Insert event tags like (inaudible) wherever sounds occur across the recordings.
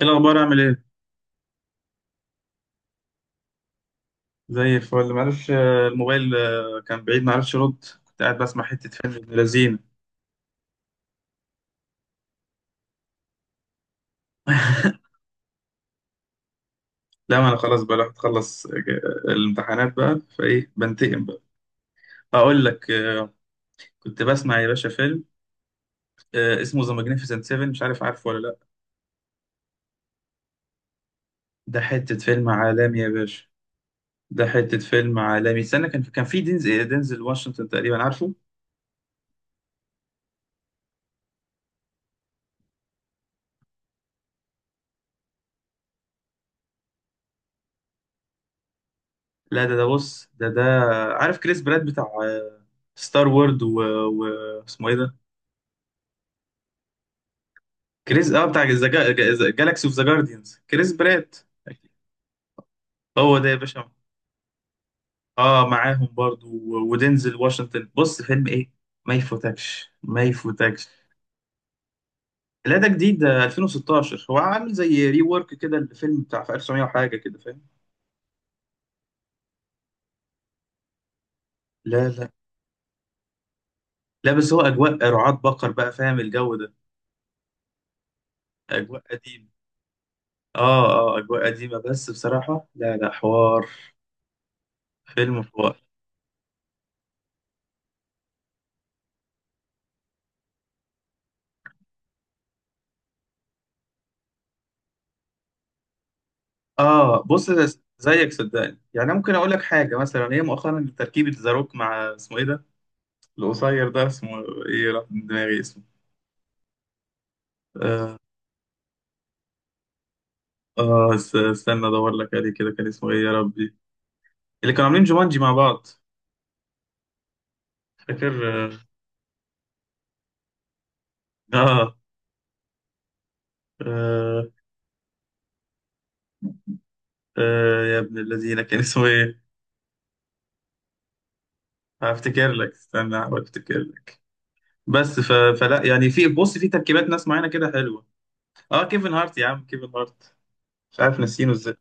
ايه الاخبار، عامل ايه؟ زي الفل. معرفش، الموبايل كان بعيد، معرفش ارد. كنت قاعد بسمع حته فيلم ابن لذين. (laughs) لا، ما انا خلاص بقى، رحت اخلص، الامتحانات بقى فايه، بنتقم بقى. اقول لك، كنت بسمع يا باشا فيلم اسمه ذا ماجنيفيسنت 7، مش عارف عارفه ولا لا؟ ده حته فيلم عالمي يا باشا، ده حته فيلم عالمي. استنى، كان في دينزل واشنطن تقريبا، عارفه؟ لا، ده بص، ده عارف كريس براد بتاع ستار وورد و... اسمه ايه ده؟ كريس بتاع جالاكسي اوف ذا جارديانز، كريس برات. هو ده يا باشا. اه، معاهم برضو ودينزل واشنطن. بص فيلم ايه، ما يفوتكش ما يفوتكش. لا، ده جديد. ده 2016، هو عامل زي ري وورك كده. الفيلم بتاع في 1900 وحاجه كده، فاهم؟ لا لا لا، بس هو اجواء رعاة بقر بقى، فاهم الجو ده؟ اجواء قديمه. اه. اه، اجواء قديمه، بس بصراحه لا لا، حوار. فيلم. اه، بص، ده زيك صدقني، يعني ممكن اقول لك حاجه مثلا، هي مؤخرا تركيبه زاروك مع اسمه ايه ده القصير ده؟ اسمه ايه؟ راح من دماغي. اسمه اه, استنى ادور لك عليه كده، كان اسمه ايه يا ربي؟ اللي كانوا عاملين جومانجي مع بعض، فاكر؟ اه, آه, آه, يا ابن الذين، كان اسمه ايه؟ هفتكر لك، استنى، هحاول افتكر لك. بس، فلا يعني، في، بص، في تركيبات ناس معينه كده حلوه. اه، كيفن هارت يا عم، كيفن هارت. مش عارف ناسينه ازاي.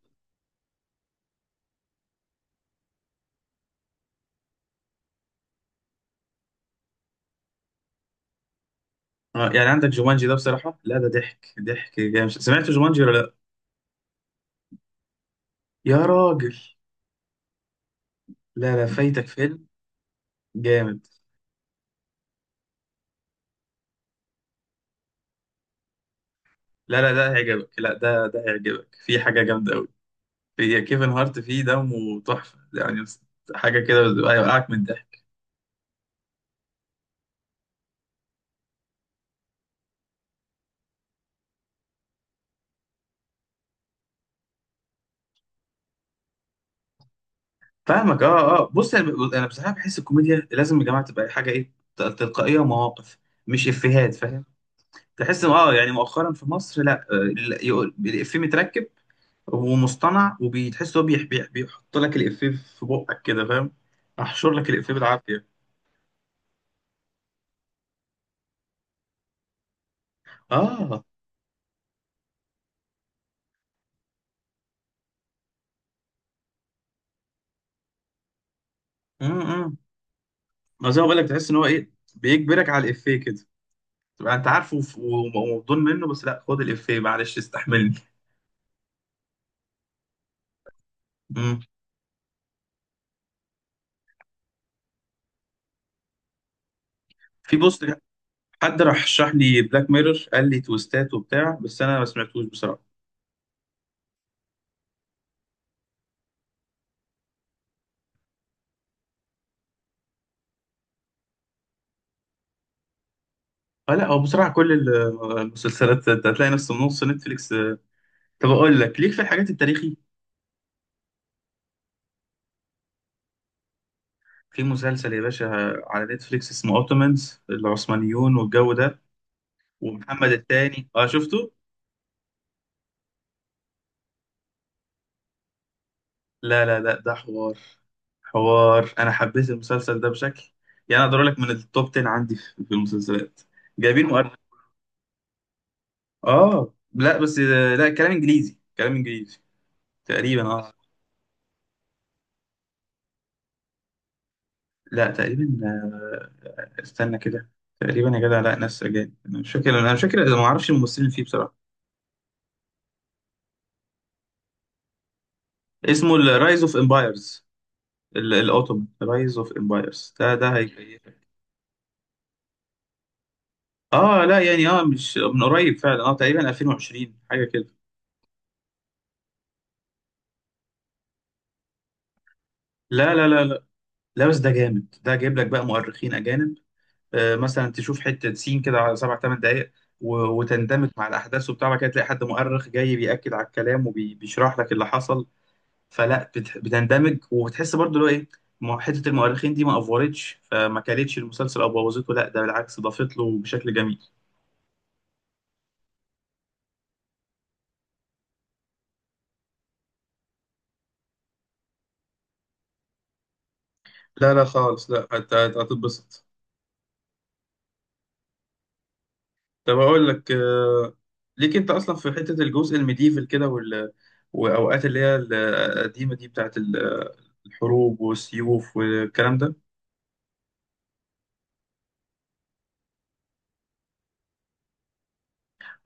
اه، يعني عندك جومانجي ده بصراحة لا، ده ضحك ضحك جامد. سمعت جومانجي ولا لا؟ يا راجل، لا لا، فايتك فيلم جامد. لا لا، ده هيعجبك. لا، ده هيعجبك. في حاجة جامدة قوي، في كيفن هارت، فيه دمه تحفة يعني، حاجة كده هيوقعك من الضحك. فاهمك. اه اه، بص، انا أنا بصراحة بحس الكوميديا لازم يا جماعة تبقى حاجة ايه، تلقائية ومواقف، مش افيهات، فاهم؟ تحس يعني مؤخرا في مصر، لا لا، يقول الافيه متركب، هو مصطنع وبيتحس. هو بيحط لك الإفيه في بقك كده، فاهم؟ احشر لك الإفيه بالعافية. اه. امم ما زي ما بقول لك، تحس ان هو ايه، بيجبرك على الإفيه كده، تبقى انت عارفه ومبدون منه، بس لا، خد الإفيه، معلش استحملني. امم في بوست. حد راح شرح لي بلاك ميرور، قال لي تويستات وبتاع، بس انا ما سمعتوش بصراحة. اه، لا هو بصراحة كل المسلسلات انت هتلاقي نفس النص، نتفليكس. طب اقول لك، ليك في الحاجات التاريخي؟ في مسلسل يا باشا على نتفليكس اسمه اوتومانز، العثمانيون والجو ده. ومحمد التاني، اه شفته؟ لا لا لا، ده حوار. حوار، انا حبيت المسلسل ده بشكل، يعني اقدر اقول لك من التوب 10 عندي في المسلسلات. جايبين مؤرخ. اه. لا بس، لا، كلام انجليزي. كلام انجليزي تقريبا، اه. لا تقريبا، استنى كده. تقريبا يا جدع، لا، ناس اجانب. انا مش فاكر، اذا ما اعرفش الممثلين اللي فيه بصراحه. اسمه الرايز اوف امبايرز، الأوتومان رايز أوف إمبايرز. ده هيكيفك. لا يعني، مش من قريب فعلا، تقريبا 2020 حاجة كده. لا لا لا لا. لا بس، ده جامد، ده جايب لك بقى مؤرخين أجانب. مثلا تشوف حتة سين كده على سبع تمن دقايق، وتندمج مع الأحداث وبتاع، بعد كده تلاقي حد مؤرخ جاي بيأكد على الكلام وبيشرح لك اللي حصل. فلا بتندمج وبتحس برضه، اللي هو إيه، حتة المؤرخين دي ما أفورتش فما كلتش المسلسل أو بوظته، لا، ده بالعكس، ضافت له بشكل جميل. لا لا خالص، لا هتتبسط. طب اقول لك، ليك انت اصلا في حته الجزء الميديفل كده واوقات اللي هي القديمه دي بتاعت الحروب والسيوف والكلام ده.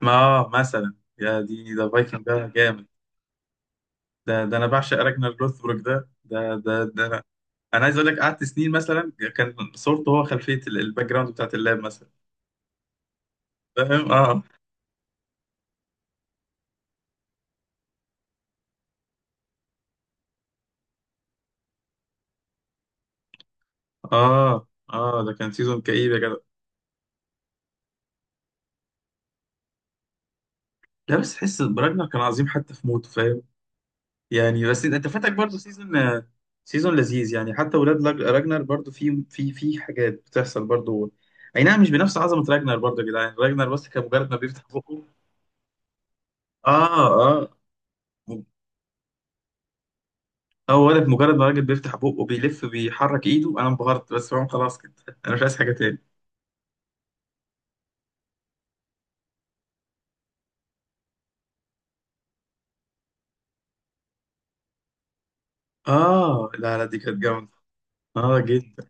ما مثلا، يا دي، ده فايكنج ده جامد. ده انا بعشق راجنر لوثبروك. ده انا، انا عايز اقول لك، قعدت سنين مثلا كان صورته هو خلفيه، الباك جراوند بتاعت اللاب مثلا. فاهم. اه اه اه، ده كان سيزون كئيب يا جدع. لا بس، تحس براجنر كان عظيم حتى في موته، فاهم؟ يعني بس، انت فاتك برضو سيزون. سيزون لذيذ يعني، حتى ولاد راجنر برضو، في حاجات بتحصل برضو. اي نعم، مش بنفس عظمه راجنر، برضو يا جدعان، راجنر بس كان مجرد ما بيفتح بقه. اه. اه. اه، ولد، مجرد ما راجل بيفتح بقه بيلف بيحرك ايده، انا انبهرت بس، فاهم؟ خلاص كده (laughs) انا مش عايز حاجه تاني. اه لا لا، دي كانت جامده. اه جدا.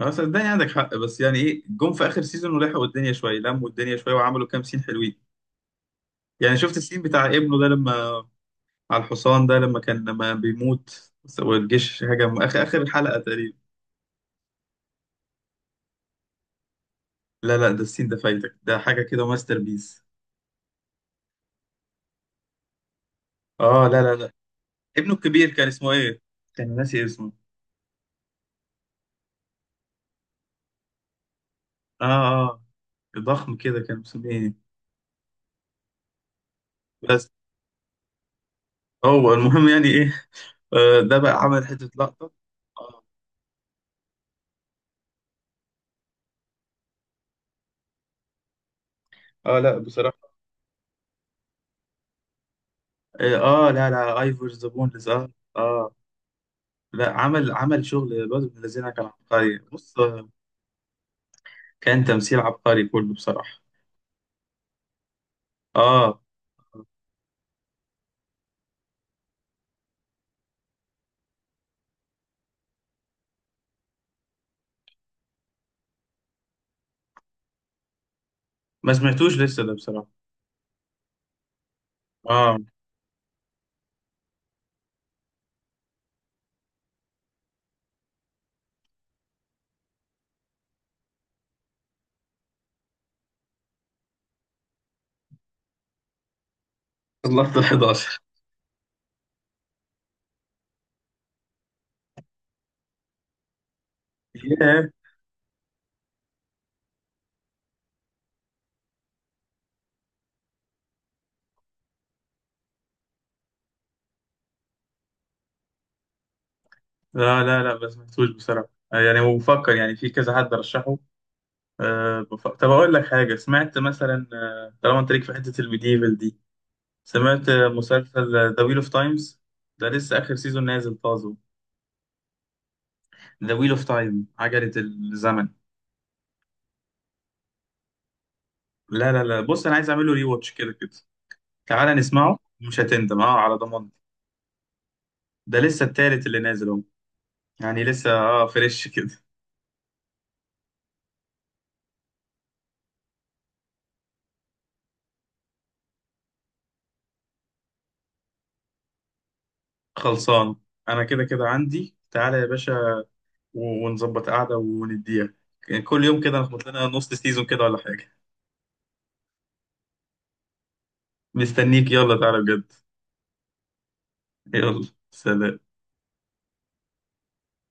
اه، صدقني عندك حق، بس يعني ايه، جم في اخر سيزون ولحقوا الدنيا شويه، لموا الدنيا شويه وعملوا كام سين حلوين. يعني شفت السين بتاع ابنه ده، لما على الحصان ده لما كان لما بيموت، والجيش هجم، اخر اخر الحلقه تقريبا. لا لا، ده السين ده فايتك، ده حاجه كده ماستر بيس. اه، لا لا لا، ابنه الكبير كان اسمه ايه؟ كان ناسي اسمه. اه. اه، ضخم كده، كان مسميه ايه؟ بس هو المهم، يعني ايه، ده بقى عمل حته لقطه. اه. لا بصراحه. اه. لا لا، ايفور ذا بونلس. اه اه. لا، عمل، عمل شغل. الواد ابن الذين كان عبقري، بص، كان تمثيل عبقري كله بصراحه. اه، ما سمعتوش لسه ده بصراحة. اه، اللقطة ال 11. ياه. لا لا لا، ما سمعتوش بصراحة، يعني وبفكر يعني في كذا حد رشحه. طب أقول لك حاجة. سمعت مثلا، طالما أنت ليك في حتة الميديفال دي، سمعت مسلسل ذا ويل أوف تايمز، ده لسه آخر سيزون نازل طازه. ذا ويل أوف تايم، عجلة الزمن. لا لا لا، بص أنا عايز أعمل له ري واتش كده كده. تعالى نسمعه، مش هتندم، أه على ضمانتي. ده لسه التالت اللي نازل أهو، يعني لسه، فريش (laughs) كده. خلصان. انا كده كده عندي، تعالى يا باشا، ونظبط قعده ونديها. يعني كل يوم كده نخبط لنا نص سيزون كده ولا حاجه. مستنيك، يلا تعالى بجد. يلا سلام.